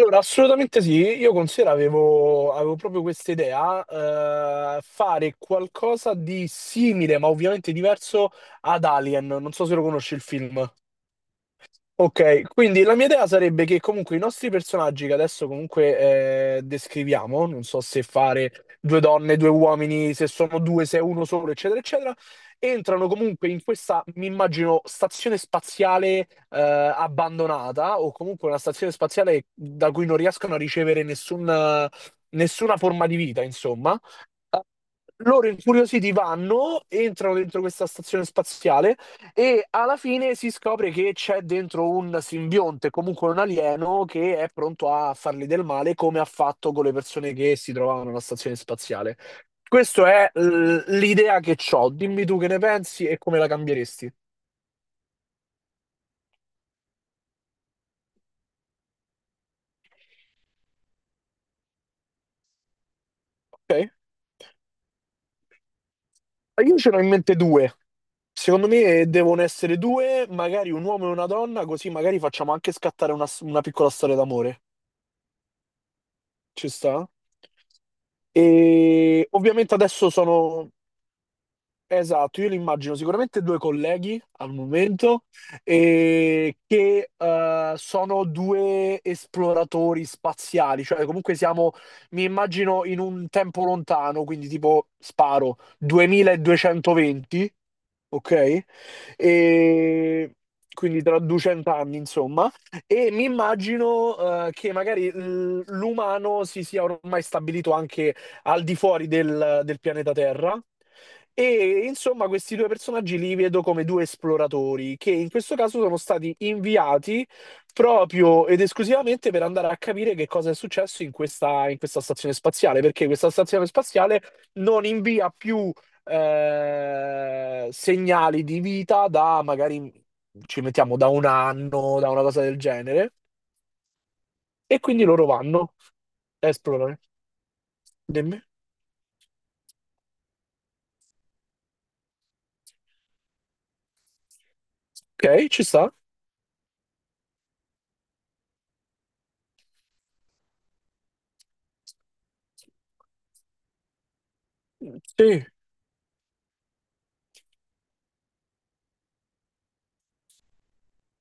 Allora, assolutamente sì, io avevo proprio questa idea, fare qualcosa di simile, ma ovviamente diverso ad Alien. Non so se lo conosci il film. Ok, quindi la mia idea sarebbe che comunque i nostri personaggi che adesso comunque descriviamo, non so se fare due donne, due uomini, se sono due, se è uno solo, eccetera, eccetera, entrano comunque in questa, mi immagino, stazione spaziale abbandonata o comunque una stazione spaziale da cui non riescono a ricevere nessuna forma di vita, insomma, loro incuriositi vanno, entrano dentro questa stazione spaziale e alla fine si scopre che c'è dentro un simbionte, comunque un alieno, che è pronto a fargli del male, come ha fatto con le persone che si trovavano alla stazione spaziale. Questa è l'idea che ho. Dimmi tu che ne pensi e come la cambieresti. Ok? Io ce ne ho in mente due. Secondo me devono essere due, magari un uomo e una donna, così magari facciamo anche scattare una piccola storia d'amore. Ci sta? E ovviamente adesso sono, esatto, io li immagino sicuramente due colleghi al momento, e che sono due esploratori spaziali, cioè comunque siamo, mi immagino in un tempo lontano, quindi tipo sparo 2220, ok? E quindi tra 200 anni, insomma. E mi immagino che magari l'umano si sia ormai stabilito anche al di fuori del pianeta Terra. E insomma, questi due personaggi li vedo come due esploratori che in questo caso sono stati inviati proprio ed esclusivamente per andare a capire che cosa è successo in questa stazione spaziale, perché questa stazione spaziale non invia più segnali di vita da, magari ci mettiamo, da un anno, da una cosa del genere, e quindi loro vanno a esplorare. Dimmi. Ok, ci sta. Sì,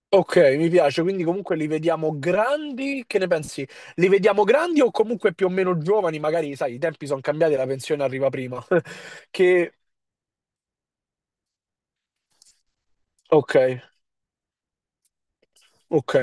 ok, mi piace. Quindi comunque li vediamo grandi, che ne pensi? Li vediamo grandi o comunque più o meno giovani? Magari, sai, i tempi sono cambiati, e la pensione arriva prima. Che... Ok, ok,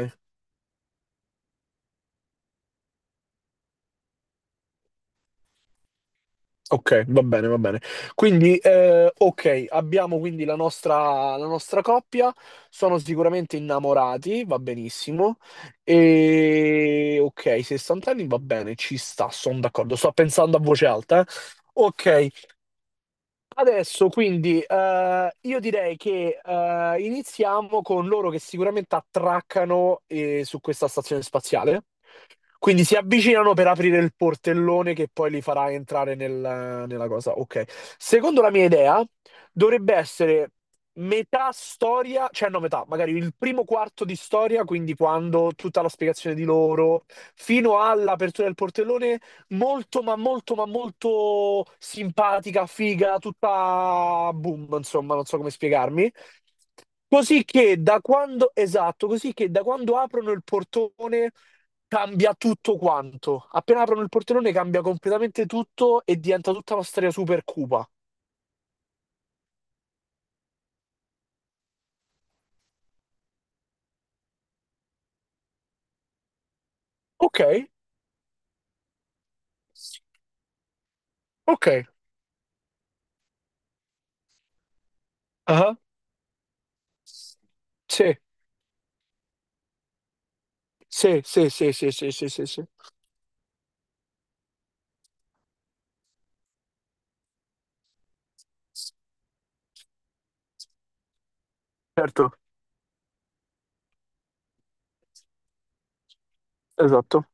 ok, va bene, va bene. Quindi, ok, abbiamo quindi la nostra coppia, sono sicuramente innamorati, va benissimo. E ok, 60 anni va bene, ci sta, sono d'accordo. Sto pensando a voce alta, eh. Ok, adesso quindi io direi che iniziamo con loro che sicuramente attraccano su questa stazione spaziale. Quindi si avvicinano per aprire il portellone che poi li farà entrare nella cosa. Ok. Secondo la mia idea, dovrebbe essere metà storia, cioè no, metà, magari il primo quarto di storia, quindi quando tutta la spiegazione di loro, fino all'apertura del portellone, molto ma molto ma molto simpatica, figa, tutta boom, insomma, non so come spiegarmi. Così che da quando, esatto, così che da quando aprono il portone. Cambia tutto quanto. Appena aprono il portellone cambia completamente tutto e diventa tutta una storia super cupa. Ok, ok. Ah, sì, sì, sì, sì, sì, sì, sì, sì, sì. Certo, esatto.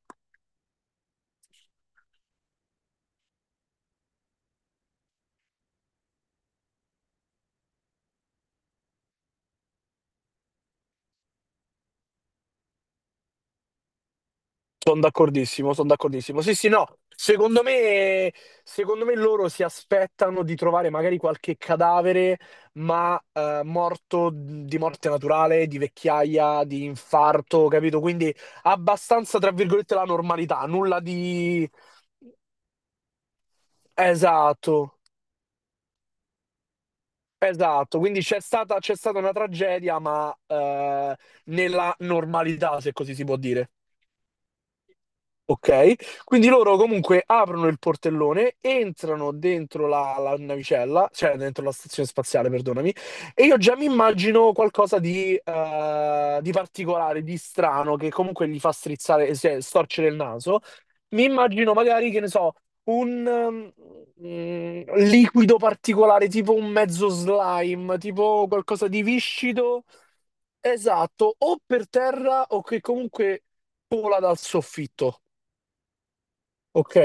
Sono d'accordissimo, sono d'accordissimo. Sì, sì, no. Secondo me loro si aspettano di trovare magari qualche cadavere, ma morto di morte naturale, di vecchiaia, di infarto, capito? Quindi abbastanza, tra virgolette, la normalità, nulla di esatto, esatto. Quindi c'è stata una tragedia, ma nella normalità, se così si può dire. Ok, quindi loro comunque aprono il portellone, entrano dentro la, la navicella, cioè dentro la stazione spaziale, perdonami, e io già mi immagino qualcosa di particolare, di strano, che comunque gli fa strizzare, cioè, storcere il naso. Mi immagino magari, che ne so, un liquido particolare, tipo un mezzo slime, tipo qualcosa di viscido, esatto, o per terra o che comunque vola dal soffitto. Ok,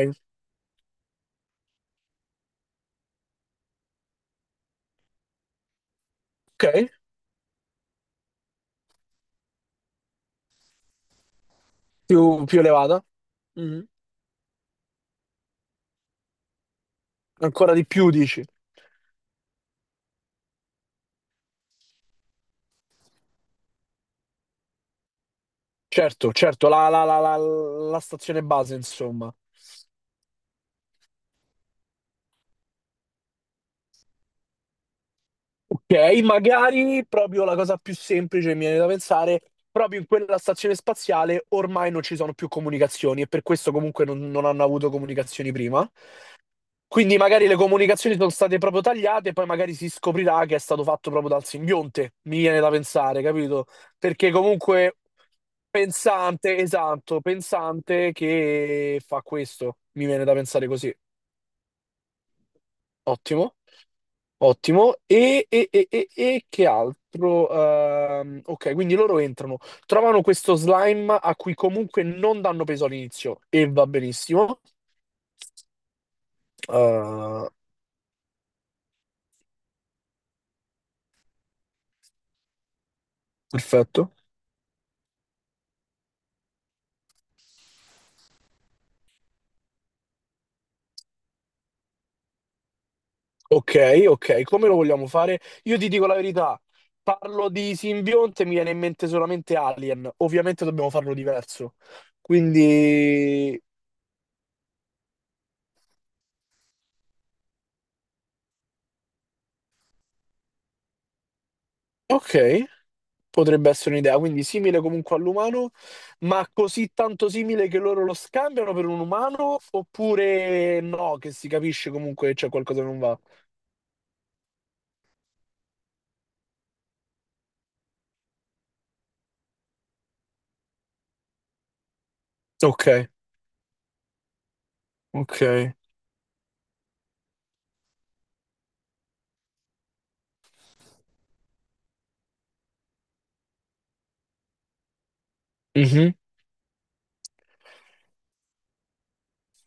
ok, più elevata. Mhm. Ancora di più, dici. Certo, certo, la, la stazione base, insomma. Ok, magari proprio la cosa più semplice mi viene da pensare, proprio in quella stazione spaziale ormai non ci sono più comunicazioni e per questo comunque non, non hanno avuto comunicazioni prima. Quindi magari le comunicazioni sono state proprio tagliate e poi magari si scoprirà che è stato fatto proprio dal simbionte, mi viene da pensare, capito? Perché comunque Pensante, esatto, pensante che fa questo. Mi viene da pensare così. Ottimo, ottimo. E, e che altro? Ok, quindi loro entrano, trovano questo slime a cui comunque non danno peso all'inizio e va benissimo. Eh, perfetto. Ok, ok, come lo vogliamo fare? Io ti dico la verità. Parlo di simbionte, mi viene in mente solamente Alien. Ovviamente dobbiamo farlo diverso. Quindi, ok. Potrebbe essere un'idea, quindi simile comunque all'umano, ma così tanto simile che loro lo scambiano per un umano, oppure no, che si capisce comunque che c'è qualcosa che non va. Ok, ok. Mhm.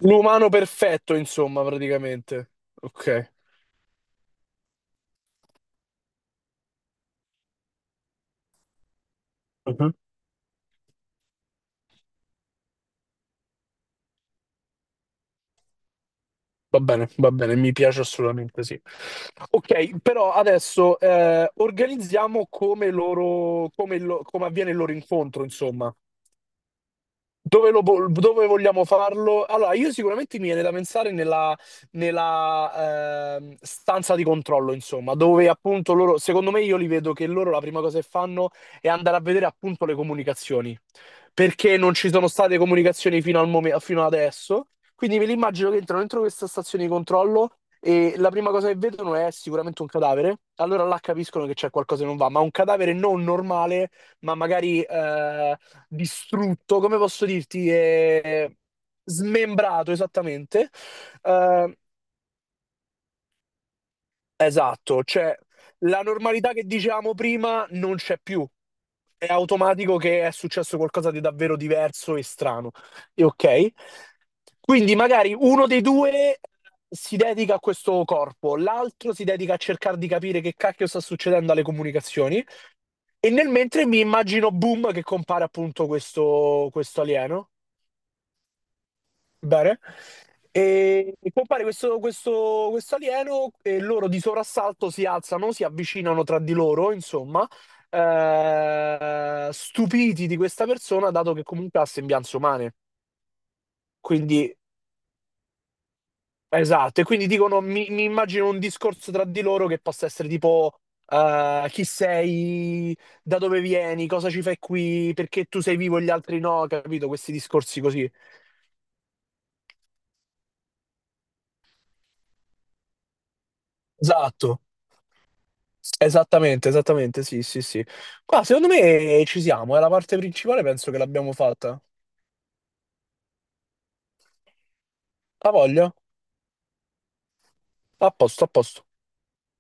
L'umano perfetto, insomma, praticamente. Ok. Mhm. Va bene, mi piace assolutamente, sì. Ok, però adesso organizziamo come loro, come avviene il loro incontro, insomma. Dove vogliamo farlo? Allora, io sicuramente mi viene da pensare nella, stanza di controllo, insomma, dove appunto loro, secondo me io li vedo che loro la prima cosa che fanno è andare a vedere appunto le comunicazioni, perché non ci sono state comunicazioni fino adesso, quindi me li immagino che entrano dentro questa stazione di controllo e la prima cosa che vedono è sicuramente un cadavere, allora là capiscono che c'è qualcosa che non va, ma un cadavere non normale, ma magari, distrutto, come posso dirti, smembrato esattamente. Eh, esatto, cioè la normalità che dicevamo prima non c'è più. È automatico che è successo qualcosa di davvero diverso e strano. E ok? Quindi magari uno dei due si dedica a questo corpo, l'altro si dedica a cercare di capire che cacchio sta succedendo alle comunicazioni. E nel mentre mi immagino, boom, che compare appunto questo alieno. Bene. E compare questo alieno e loro di soprassalto si alzano, si avvicinano tra di loro, insomma, stupiti di questa persona, dato che comunque ha sembianze umane. Quindi, esatto, e quindi dicono, mi immagino un discorso tra di loro che possa essere tipo, chi sei, da dove vieni, cosa ci fai qui, perché tu sei vivo e gli altri no, capito? Questi discorsi così. Esatto. Esattamente, esattamente, sì, sì, sì. Qua secondo me ci siamo, è la parte principale, penso che l'abbiamo fatta. La voglio? A posto, a posto.